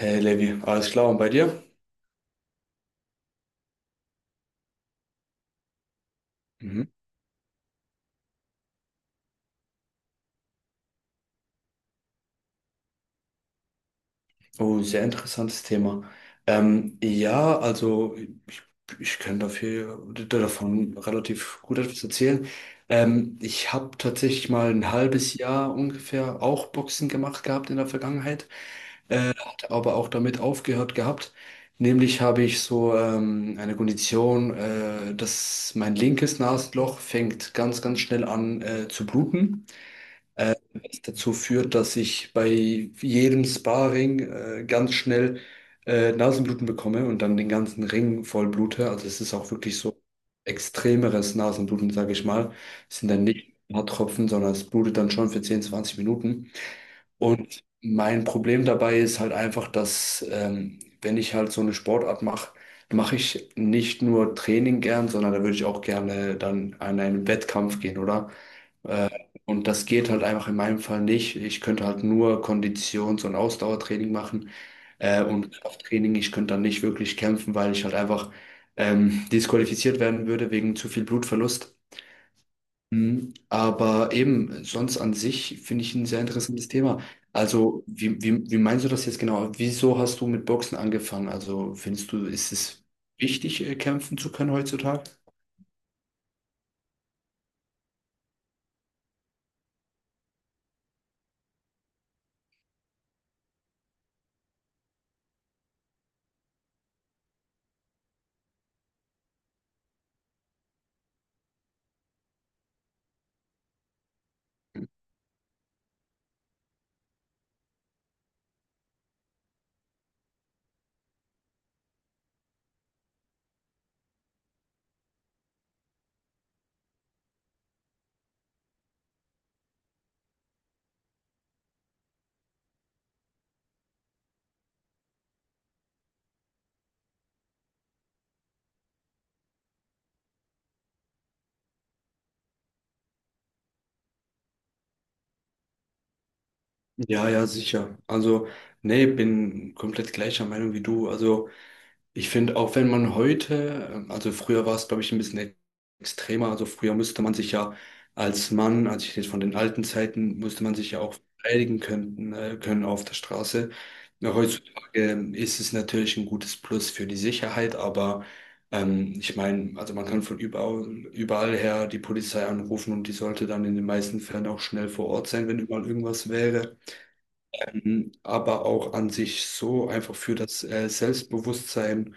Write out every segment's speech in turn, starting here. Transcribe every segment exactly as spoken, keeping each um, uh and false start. Hey Levi, alles klar und bei dir? Mhm. Oh, sehr interessantes Thema. Ähm, ja, also ich, ich kann dafür, davon relativ gut etwas erzählen. Ähm, ich habe tatsächlich mal ein halbes Jahr ungefähr auch Boxen gemacht gehabt in der Vergangenheit, aber auch damit aufgehört gehabt. Nämlich habe ich so ähm, eine Kondition, äh, dass mein linkes Nasenloch fängt ganz, ganz schnell an äh, zu bluten. Dazu führt, dass ich bei jedem Sparring äh, ganz schnell äh, Nasenbluten bekomme und dann den ganzen Ring voll blute. Also es ist auch wirklich so extremeres Nasenbluten, sage ich mal. Es sind dann nicht ein paar Tropfen, sondern es blutet dann schon für zehn, zwanzig Minuten. Und mein Problem dabei ist halt einfach, dass ähm, wenn ich halt so eine Sportart mache, mache ich nicht nur Training gern, sondern da würde ich auch gerne dann an einen Wettkampf gehen, oder? Äh, und das geht halt einfach in meinem Fall nicht. Ich könnte halt nur Konditions- und Ausdauertraining machen äh, und Krafttraining. Ich könnte dann nicht wirklich kämpfen, weil ich halt einfach ähm, disqualifiziert werden würde wegen zu viel Blutverlust. Mhm. Aber eben, sonst an sich finde ich ein sehr interessantes Thema. Also, wie, wie, wie meinst du das jetzt genau? Wieso hast du mit Boxen angefangen? Also, findest du, ist es wichtig, äh, kämpfen zu können heutzutage? Ja, ja, sicher. Also, nee, bin komplett gleicher Meinung wie du. Also, ich finde, auch wenn man heute, ähm, also früher war es, glaube ich, ein bisschen ex- extremer. Also, früher musste man sich ja als Mann, also ich rede von den alten Zeiten, musste man sich ja auch verteidigen können, äh, können auf der Straße. Ja, heutzutage ist es natürlich ein gutes Plus für die Sicherheit, aber ähm, ich meine, also man kann von überall, überall her die Polizei anrufen und die sollte dann in den meisten Fällen auch schnell vor Ort sein, wenn überall irgendwas wäre, aber auch an sich so einfach für das äh, Selbstbewusstsein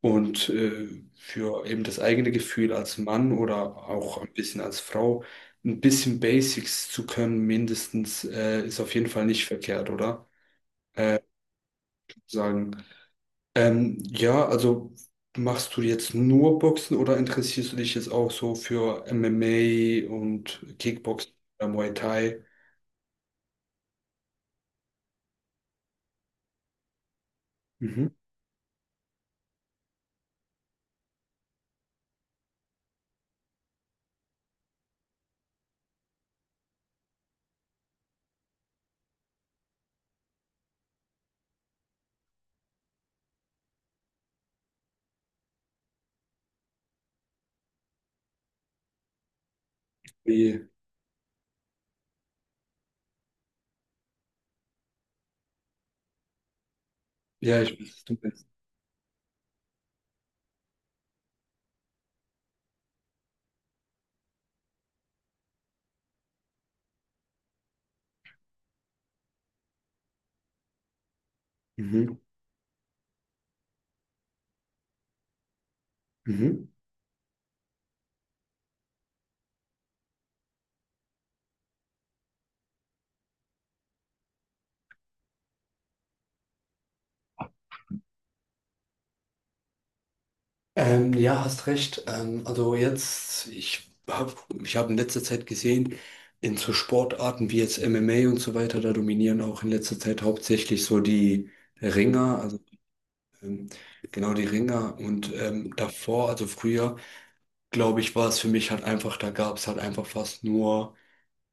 und äh, für eben das eigene Gefühl als Mann oder auch ein bisschen als Frau, ein bisschen Basics zu können, mindestens, äh, ist auf jeden Fall nicht verkehrt, oder? Sagen. Ähm, ja, also machst du jetzt nur Boxen oder interessierst du dich jetzt auch so für M M A und Kickboxen oder Muay Thai? Mhm. Wie- Ja, ich weiß, was du meinst. Mhm. Mhm. Ähm, ja, hast recht. Ähm, also jetzt, ich habe ich hab in letzter Zeit gesehen, in so Sportarten wie jetzt M M A und so weiter, da dominieren auch in letzter Zeit hauptsächlich so die Ringer, also ähm, genau die Ringer. Und ähm, davor, also früher, glaube ich, war es für mich halt einfach, da gab es halt einfach fast nur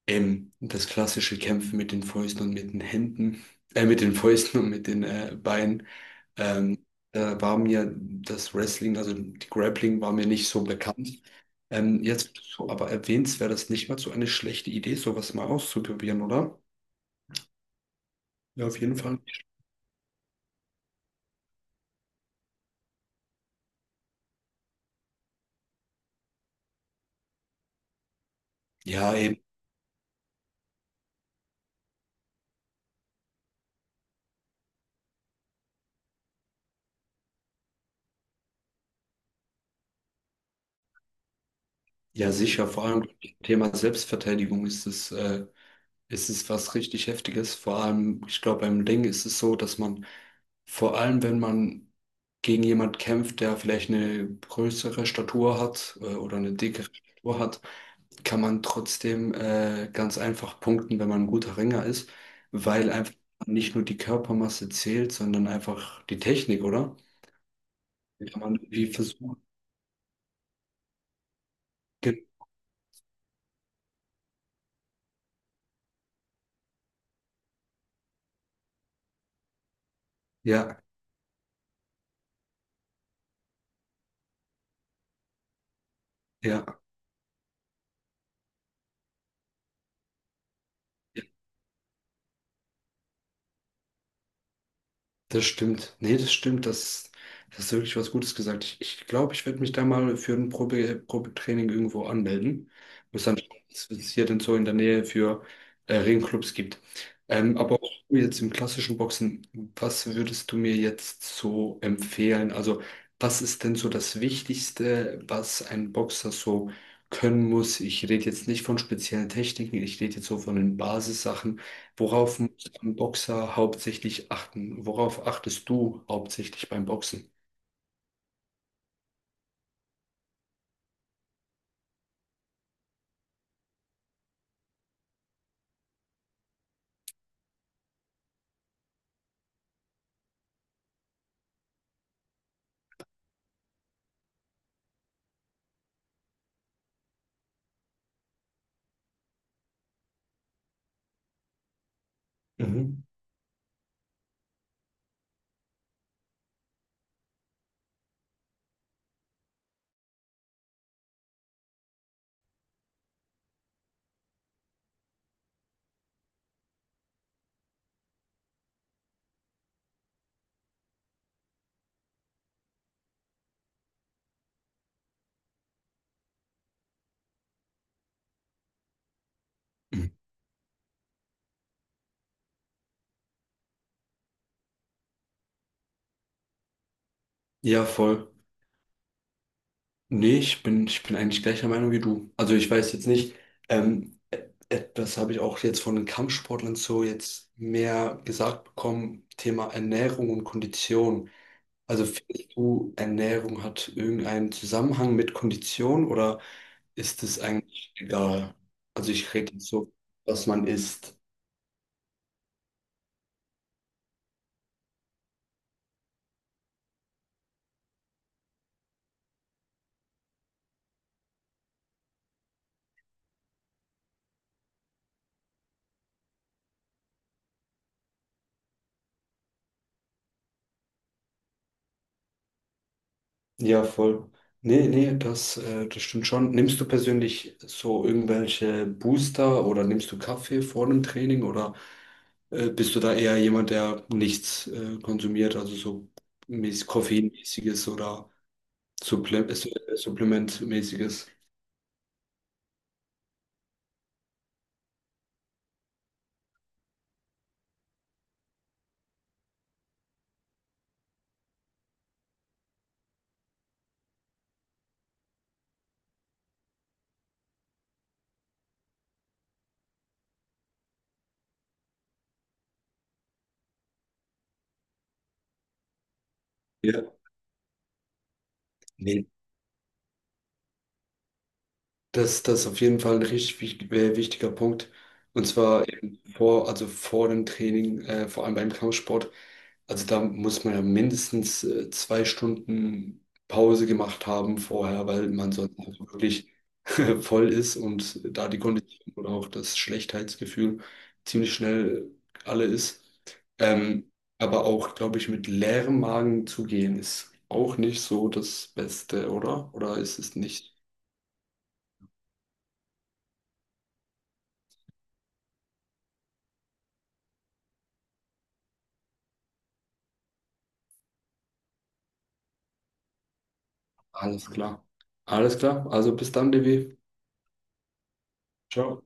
ähm, das klassische Kämpfen mit den Fäusten und mit den Händen, äh, mit den Fäusten und mit den äh, Beinen. Ähm, Da war mir das Wrestling, also die Grappling war mir nicht so bekannt. Ähm, jetzt, wo du so, aber erwähnst, wäre das nicht mal so eine schlechte Idee, sowas mal auszuprobieren, oder? Ja, auf jeden Fall. Ja, eben. Ja, sicher. Vor allem Thema Selbstverteidigung ist es, äh, ist es was richtig Heftiges. Vor allem, ich glaube, beim Ring ist es so, dass man, vor allem wenn man gegen jemand kämpft, der vielleicht eine größere Statur hat, äh, oder eine dickere Statur hat, kann man trotzdem äh, ganz einfach punkten, wenn man ein guter Ringer ist, weil einfach nicht nur die Körpermasse zählt, sondern einfach die Technik, oder? Kann man irgendwie versuchen. ge- Ja, ja. Das stimmt. Nee, das stimmt. Das, das ist wirklich was Gutes gesagt. Ich glaube, ich, glaub, ich werde mich da mal für ein Probe, Probetraining irgendwo anmelden. Muss dann schauen, was es hier denn so in der Nähe für äh, Ringclubs gibt. Ähm, aber auch jetzt im klassischen Boxen, was würdest du mir jetzt so empfehlen? Also, was ist denn so das Wichtigste, was ein Boxer so können muss? Ich rede jetzt nicht von speziellen Techniken, ich rede jetzt so von den Basissachen. Worauf beim Boxer hauptsächlich achten? Worauf achtest du hauptsächlich beim Boxen? Mhm. Mhm. Ja, voll. Nee, ich bin, ich bin eigentlich gleicher Meinung wie du. Also ich weiß jetzt nicht, ähm, e- etwas habe ich auch jetzt von den Kampfsportlern so jetzt mehr gesagt bekommen, Thema Ernährung und Kondition. Also findest du, Ernährung hat irgendeinen Zusammenhang mit Kondition oder ist es eigentlich egal? Also ich rede jetzt so, was man isst. Ja, voll. Nee, nee, das, äh, das stimmt schon. Nimmst du persönlich so irgendwelche Booster oder nimmst du Kaffee vor einem Training oder äh, bist du da eher jemand, der nichts äh, konsumiert, also so mäßig koffeinmäßiges oder Supple äh, Supplementmäßiges? Ja, nee. Das, das ist auf jeden Fall ein richtig wich- äh, wichtiger Punkt. Und zwar eben vor, also vor dem Training, äh, vor allem beim Kampfsport. Also da muss man ja mindestens äh, zwei Stunden Pause gemacht haben vorher, weil man sonst einfach wirklich voll ist und da die Kondition oder auch das Schlechtheitsgefühl ziemlich schnell alle ist. Ähm, aber auch, glaube ich, mit leerem Magen zu gehen, ist auch nicht so das Beste, oder? Oder ist es nicht? Alles klar. Alles klar. Also bis dann, Devi. Ciao.